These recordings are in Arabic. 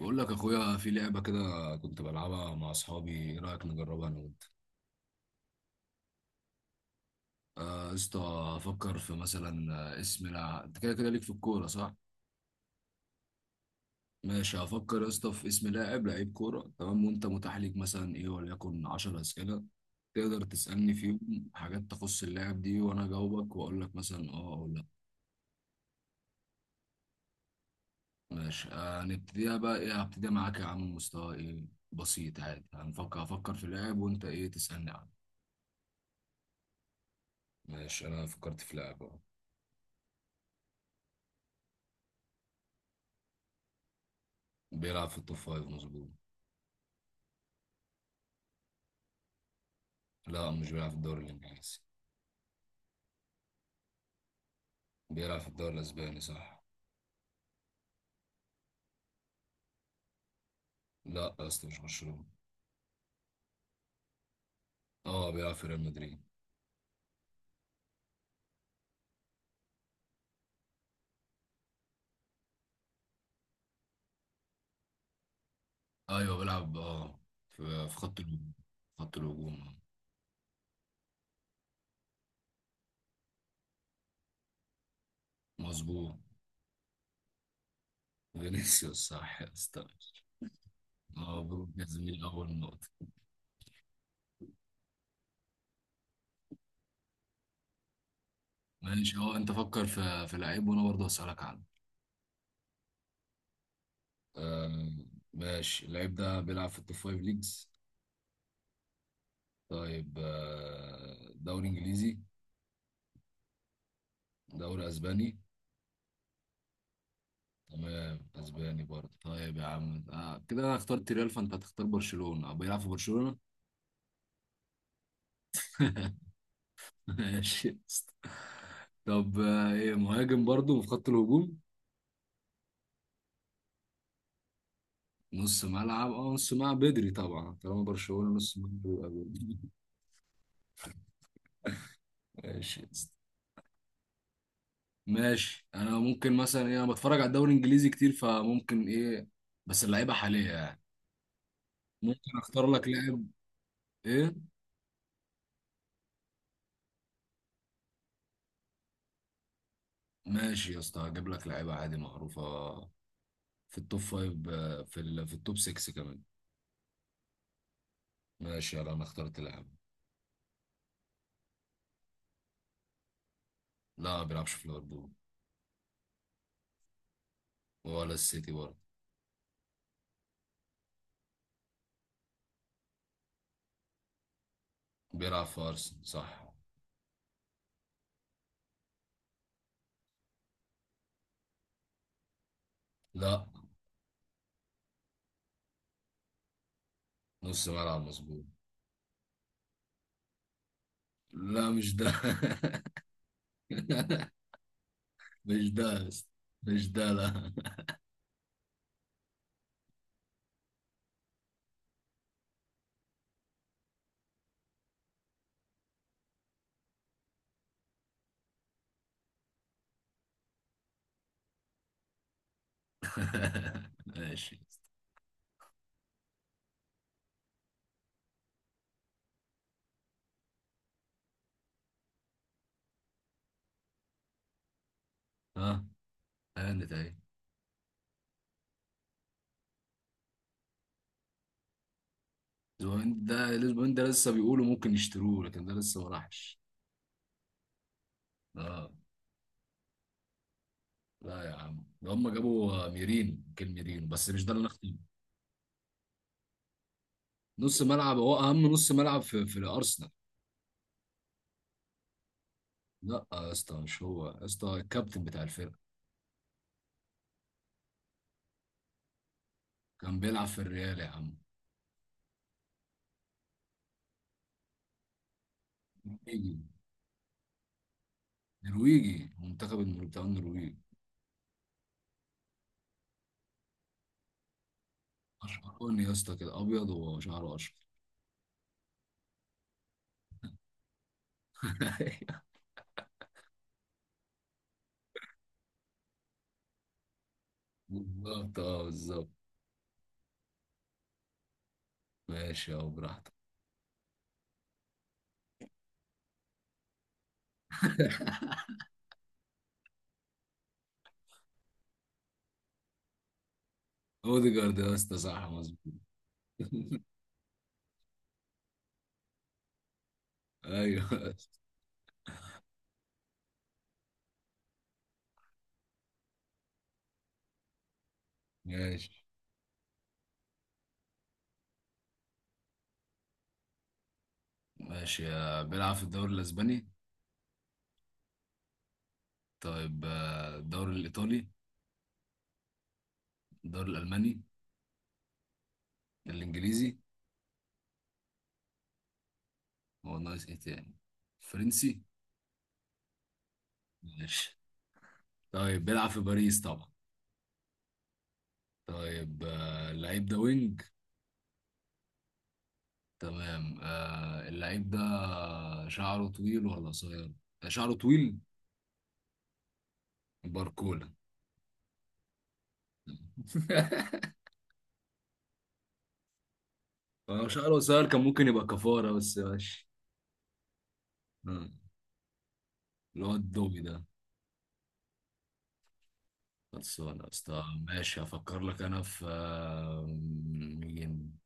بقول لك اخويا في لعبه كده كنت بلعبها مع اصحابي، ايه رايك نجربها انا وانت؟ آه، يا اسطى. افكر في مثلا اسم لاعب، انت كده كده ليك في الكوره صح؟ ماشي، هفكر يا اسطى في اسم لاعب لعيب كوره. تمام، وانت متاح ليك مثلا ايه وليكن 10 اسئله تقدر تسالني فيهم حاجات تخص اللاعب دي، وانا اجاوبك واقول لك مثلا اه او لا. ماشي. هنبتديها بقى. ايه، هبتديها معاك يا عم؟ مستوى ايه؟ بسيط عادي. هفكر في لاعب، وانت ايه تسالني عنه. ماشي، انا فكرت في لاعب اهو. بيلعب في التوب فايف، مظبوط. لا، مش بيلعب في الدوري الانجليزي. بيلعب في الدوري الاسباني، صح. لا يا اسطى، مش برشلونة. اه، بيلعب في ريال مدريد. ايوه، بيلعب في خط الهجوم. خط الهجوم، مظبوط. فينيسيوس، صح يا اسطى. مبروك يا زميل، اول نقطة. ماشي، هو انت فكر في لعيب وانا برضه هسألك عنه. آه، ماشي. اللعيب ده بيلعب في التوب فايف ليجز. طيب، دوري انجليزي؟ دوري اسباني؟ تمام، اسباني برضه. طيب يا عم، كده انا اخترت ريال فانت هتختار برشلونة او بيلعب في برشلونة. ماشي يا اسطى. طب، ايه، مهاجم برضه في خط الهجوم؟ نص ملعب، اه نص ملعب بدري طبعا. طالما برشلونة نص ملعب بيبقى بدري. ماشي يا اسطى. ماشي، انا ممكن مثلا ايه، انا بتفرج على الدوري الانجليزي كتير فممكن ايه، بس اللعيبه حاليه يعني. ممكن اختار لك لاعب ايه. ماشي يا اسطى، هجيب لك لعيبه عادي معروفه في التوب فايف، في التوب 6 كمان. ماشي، يلا انا اخترت لاعب. لا، ما بيلعبش في ليفربول. ولا السيتي برضه. بيلعب في ارسنال، صح. لا. نص ملعب، مظبوط. لا، مش ده. مش ده بس. مش ده، لا. ماشي. ها، هانت اهي. زوين ده الاسبوعين ده لسه بيقولوا ممكن يشتروه، لكن ده لسه ما راحش. اه. لا يا عم، ده هم جابوا ميرين، كان ميرين بس مش ده اللي انا اخترته. نص ملعب، هو اهم نص ملعب في الارسنال. لا يا اسطى، مش هو يا اسطى. الكابتن بتاع الفرقه، كان بيلعب في الريال يا عم. نرويجي. نرويجي، منتخب بتاع النرويج. اشقراني يا اسطى كده، ابيض وشعره اشقر. بالظبط، اه بالظبط. ماشي، اه براحتك. اوديجارد يا اسطى، صح مظبوط. ايوه. ماشي. ماشي، بيلعب في الدوري الاسباني. طيب، الدوري الايطالي؟ الدوري الالماني؟ الانجليزي؟ هو ناقص ايه تاني؟ فرنسي. ماشي. طيب، بيلعب في باريس طبعا. طيب، اللعيب ده وينج؟ تمام. اللعيب ده شعره طويل ولا قصير؟ شعره طويل. باركولا. لو شعره قصير كان ممكن يبقى كفارة، بس ماشي. آه، اللي هو الدوبي ده. خلصانة يا اسطى. ماشي، هفكر لك أنا في مين.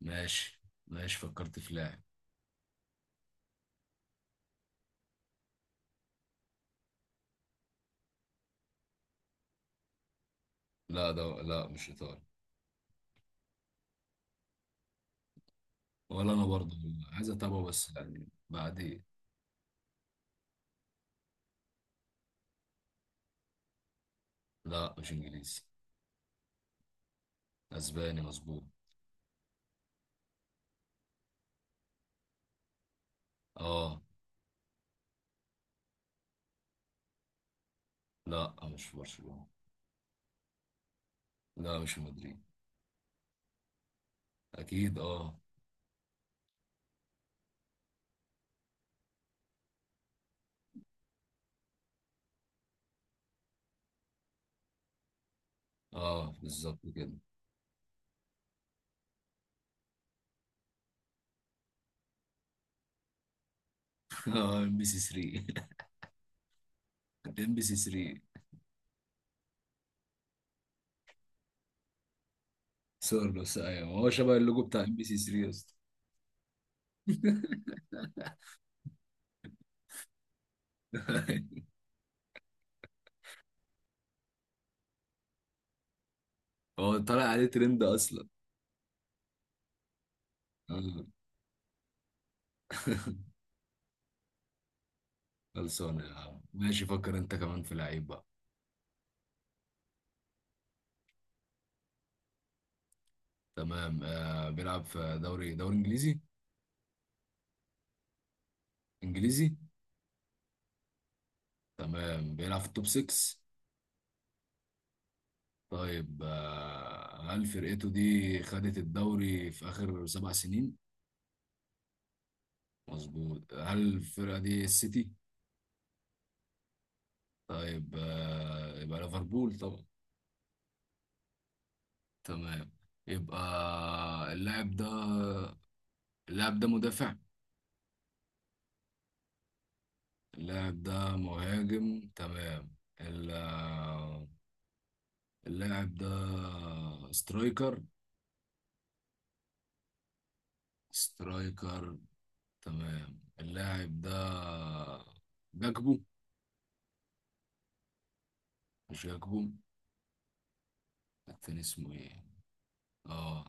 ماشي. ماشي، فكرت في لاعب. لا، ده لا، مش إيطالي. ولا أنا برضه. عايز أتابعه بس يعني بعدين. لا، مش إنجليزي. أسباني، مظبوط. اه. لا، مش في برشلونة. لا، مش في مدريد. اكيد اه. اه بالظبط كده. اه، ام بي سي 3. ام بي سي 3، سورلوس. ايوه، هو شبه اللوجو بتاع ام بي سي 3 يا اسطى. هو طالع عليه ترند اصلا. آه، خلصانه يا عم. ماشي، فكر انت كمان في لعيب بقى. تمام، آه بيلعب في دوري انجليزي. انجليزي. تمام، بيلعب في التوب 6. طيب، هل فرقته دي خدت الدوري في اخر 7 سنين؟ مظبوط. هل الفرقة دي السيتي؟ طيب، يبقى ليفربول طبعا. تمام. يبقى اللاعب ده اللاعب ده مدافع؟ اللاعب ده مهاجم، تمام. ال- آه، اللاعب ده سترايكر؟ سترايكر، تمام. اللاعب ده جاكبو؟ مش جاكبو. التاني اسمه ايه؟ اه.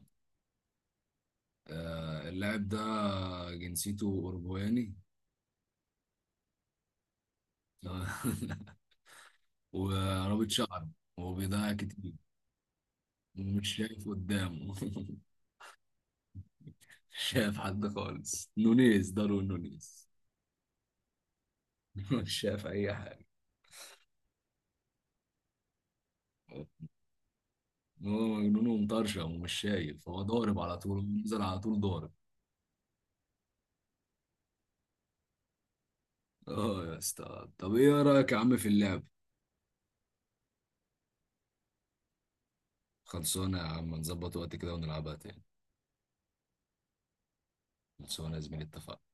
اللاعب ده جنسيته أوروجواني. تمام. ورابط شعره وبيضيع كتير ومش شايف قدامه. مش شايف حد خالص، نونيز، دارون نونيز. مش شايف أي حاجة. هو مجنون ومطرشم ومش شايف، هو ضارب على طول، نزل على طول ضارب. اه يا اسطى، طب ايه رأيك يا عم في اللعب؟ خلصونا يا عم، نظبط وقت كده ونلعبها تاني. خلصونا يا زميلي، اتفقنا.